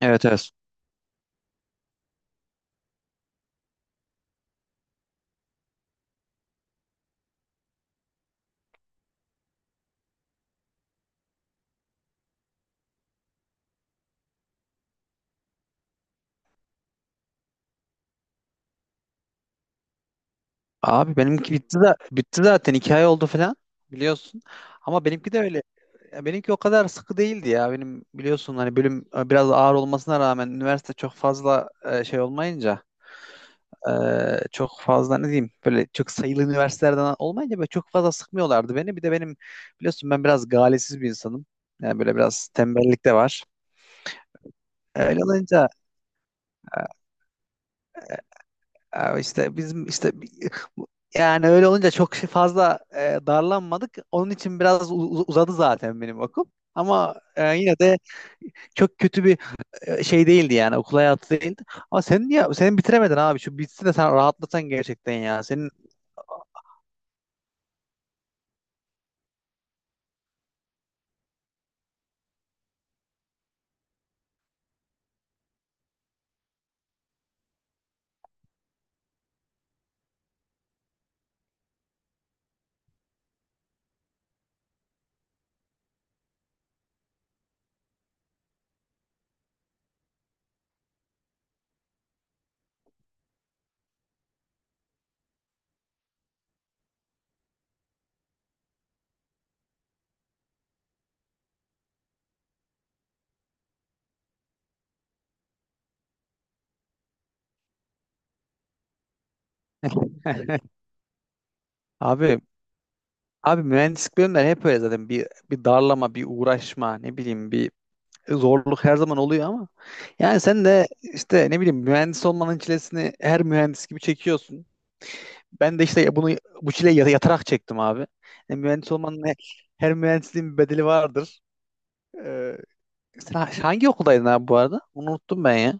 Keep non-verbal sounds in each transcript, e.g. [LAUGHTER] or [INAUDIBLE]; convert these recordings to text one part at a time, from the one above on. Evet evet. Abi benimki bitti de bitti zaten 2 ay oldu falan biliyorsun. Ama benimki de öyle. Ya benimki o kadar sıkı değildi ya. Benim biliyorsun hani bölüm biraz ağır olmasına rağmen üniversite çok fazla şey olmayınca e, çok fazla ne diyeyim böyle çok sayılı üniversitelerden olmayınca böyle çok fazla sıkmıyorlardı beni. Bir de benim biliyorsun ben biraz galesiz bir insanım. Yani böyle biraz tembellik de var. Öyle olunca, ya işte bizim işte yani öyle olunca çok şey fazla darlanmadık. Onun için biraz uzadı zaten benim okul. Ama yine de çok kötü bir şey değildi yani okul hayatı değildi. Ama sen niye sen bitiremedin abi, şu bitsin de sen rahatlasan gerçekten ya. Senin [LAUGHS] abi abi mühendislik bölümleri hep öyle zaten bir darlama, bir uğraşma, ne bileyim bir zorluk her zaman oluyor ama yani sen de işte ne bileyim mühendis olmanın çilesini her mühendis gibi çekiyorsun. Ben de işte bunu bu çileyi yatarak çektim abi. Yani mühendis olmanın her mühendisliğin bir bedeli vardır. Ee, sen hangi okuldaydın abi bu arada? Onu unuttum ben ya.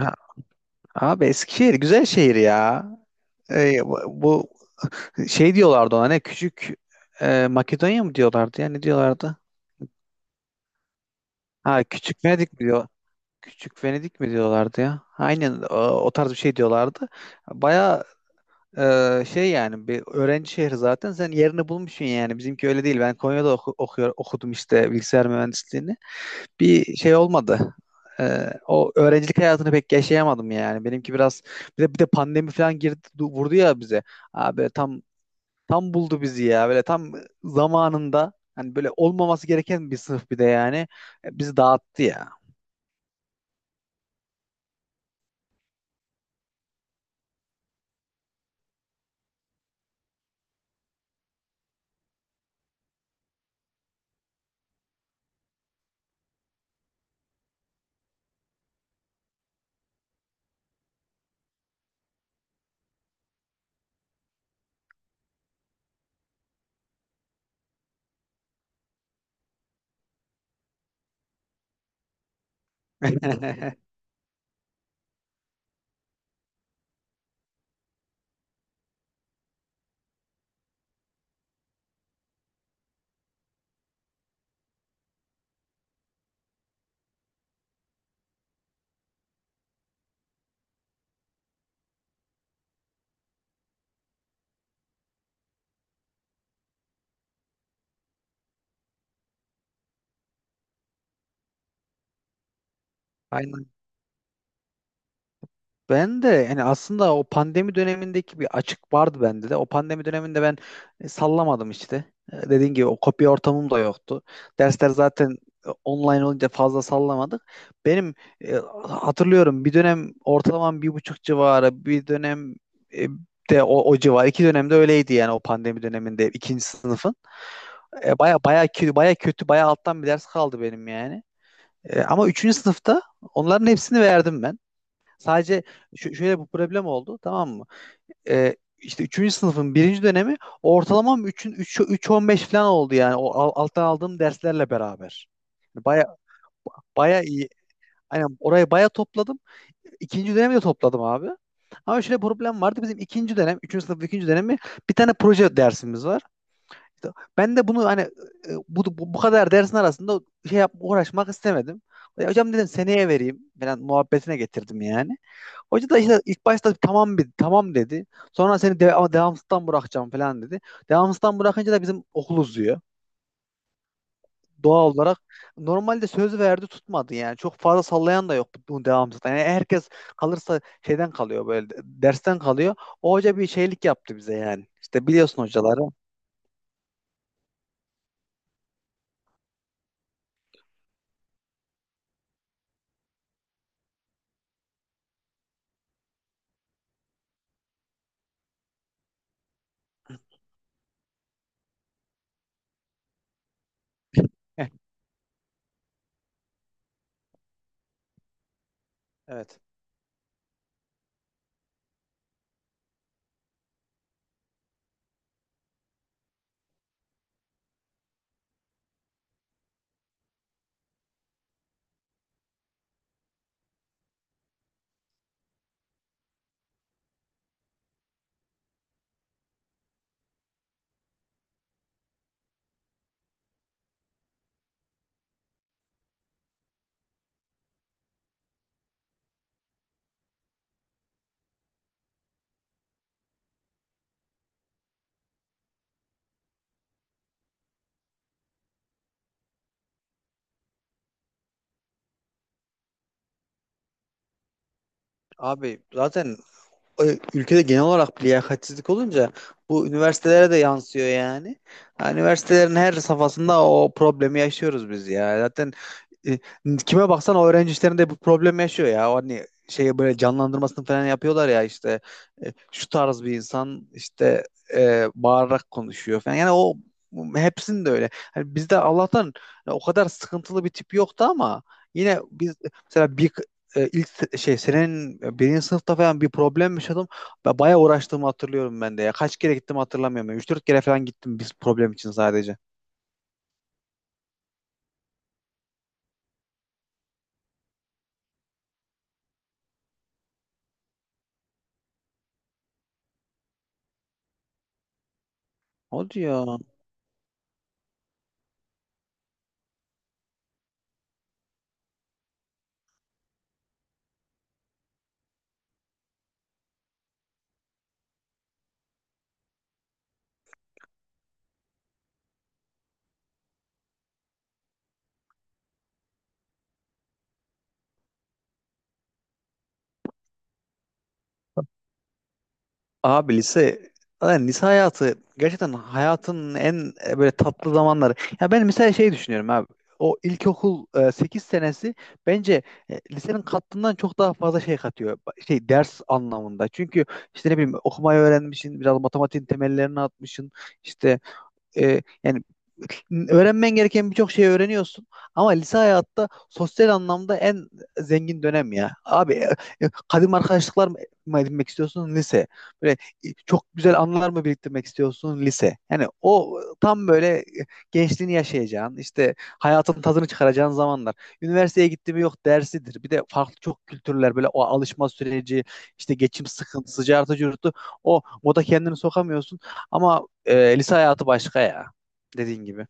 Ha, abi Eskişehir güzel şehir ya. Bu şey diyorlardı ona, ne küçük Makedonya mı diyorlardı ya ne diyorlardı? Ha, küçük Venedik mi diyor? Küçük Venedik mi diyorlardı ya? Aynen o tarz bir şey diyorlardı. Baya. Yani bir öğrenci şehri zaten, sen yerini bulmuşsun, yani bizimki öyle değil. Ben Konya'da okudum işte bilgisayar mühendisliğini, bir şey olmadı. O öğrencilik hayatını pek yaşayamadım, yani benimki biraz. Bir de pandemi falan girdi, vurdu ya bize abi, tam buldu bizi ya, böyle tam zamanında, hani böyle olmaması gereken bir sınıf bir de yani. Bizi dağıttı ya. [LAUGHS] Aynen. Ben de yani aslında o pandemi dönemindeki bir açık vardı bende de. O pandemi döneminde ben sallamadım işte. Dediğin gibi o kopya ortamım da yoktu. Dersler zaten online olunca fazla sallamadık. Benim e, hatırlıyorum, bir dönem ortalamam 1,5 civarı, bir dönem e, de o civar. İki dönemde öyleydi yani, o pandemi döneminde ikinci sınıfın. Baya baya kötü, baya kötü, baya alttan bir ders kaldı benim yani. Ama üçüncü sınıfta onların hepsini verdim ben. Sadece şöyle bu problem oldu, tamam mı? İşte 3. sınıfın birinci dönemi ortalamam üçün üç 3,15 falan oldu, yani o alttan aldığım derslerle beraber. Yani baya baya iyi. Aynen, orayı baya topladım. İkinci dönemi de topladım abi. Ama şöyle problem vardı. Bizim ikinci dönem, üçüncü sınıf ikinci dönemi bir tane proje dersimiz var. İşte ben de bunu hani bu kadar dersin arasında şey yap, uğraşmak istemedim. Ya hocam, dedim seneye vereyim falan muhabbetine getirdim yani. Hoca da işte ilk başta tamam, bir tamam dedi. Sonra seni de, ama devamsızdan bırakacağım falan dedi. Devamsızdan bırakınca da bizim okul uzuyor. Doğal olarak normalde söz verdi, tutmadı yani. Çok fazla sallayan da yok bu devamsızdan. Yani herkes kalırsa şeyden kalıyor, böyle dersten kalıyor. O hoca bir şeylik yaptı bize yani. İşte biliyorsun hocaları. Heh, evet. Abi zaten ülkede genel olarak bir liyakatsizlik olunca bu üniversitelere de yansıyor yani. Ha, üniversitelerin her safhasında o problemi yaşıyoruz biz ya. Zaten kime baksan o öğrenci işlerinde bu problem yaşıyor ya. O hani şey böyle canlandırmasını falan yapıyorlar ya, işte şu tarz bir insan işte bağırarak konuşuyor falan. Yani o hepsinde öyle. Hani bizde Allah'tan o kadar sıkıntılı bir tip yoktu, ama yine biz mesela bir e, ilk se- şey senin birinci sınıfta falan bir problem yaşadım. Bayağı uğraştığımı hatırlıyorum ben de ya. Kaç kere gittim hatırlamıyorum. 3-4 kere falan gittim biz problem için sadece. Hadi ya. Abi lise, yani lise hayatı gerçekten hayatın en böyle tatlı zamanları. Ya ben mesela şey düşünüyorum abi. O ilkokul 8 senesi bence lisenin kattığından çok daha fazla şey katıyor. Ders anlamında. Çünkü işte ne bileyim okumayı öğrenmişsin, biraz matematiğin temellerini atmışsın. İşte yani öğrenmen gereken birçok şeyi öğreniyorsun, ama lise hayatta sosyal anlamda en zengin dönem ya. Abi kadim arkadaşlıklar mı edinmek istiyorsun lise. Böyle çok güzel anılar mı biriktirmek istiyorsun lise. Yani o tam böyle gençliğini yaşayacağın, işte hayatın tadını çıkaracağın zamanlar. Üniversiteye gitti mi yok dersidir. Bir de farklı çok kültürler, böyle o alışma süreci, işte geçim sıkıntısı, cartı curtu. O moda kendini sokamıyorsun, ama lise hayatı başka ya. Dediğin gibi.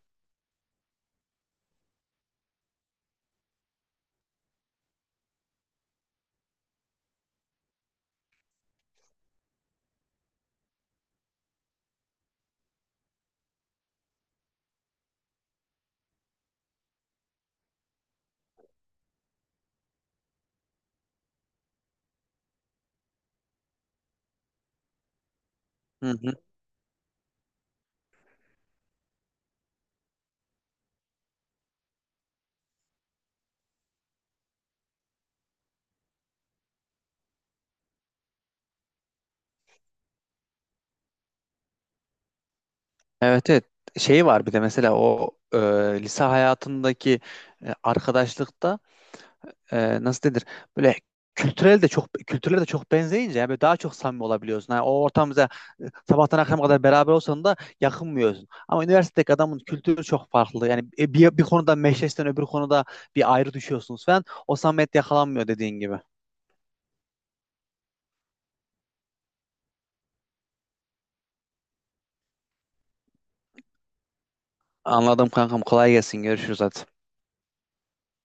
Hı hı. Evet evet. Şey var bir de mesela o lise hayatındaki arkadaşlıkta nasıl denir? Böyle kültürel de çok, kültürel de çok benzeyince yani böyle daha çok samimi olabiliyorsun. Yani o ortamda sabahtan akşama kadar beraber olsan da yakınmıyorsun. Ama üniversitedeki adamın kültürü çok farklı. Yani bir konuda meşleşten öbür konuda bir ayrı düşüyorsunuz falan. O samimiyet yakalanmıyor, dediğin gibi. Anladım kankam. Kolay gelsin. Görüşürüz hadi.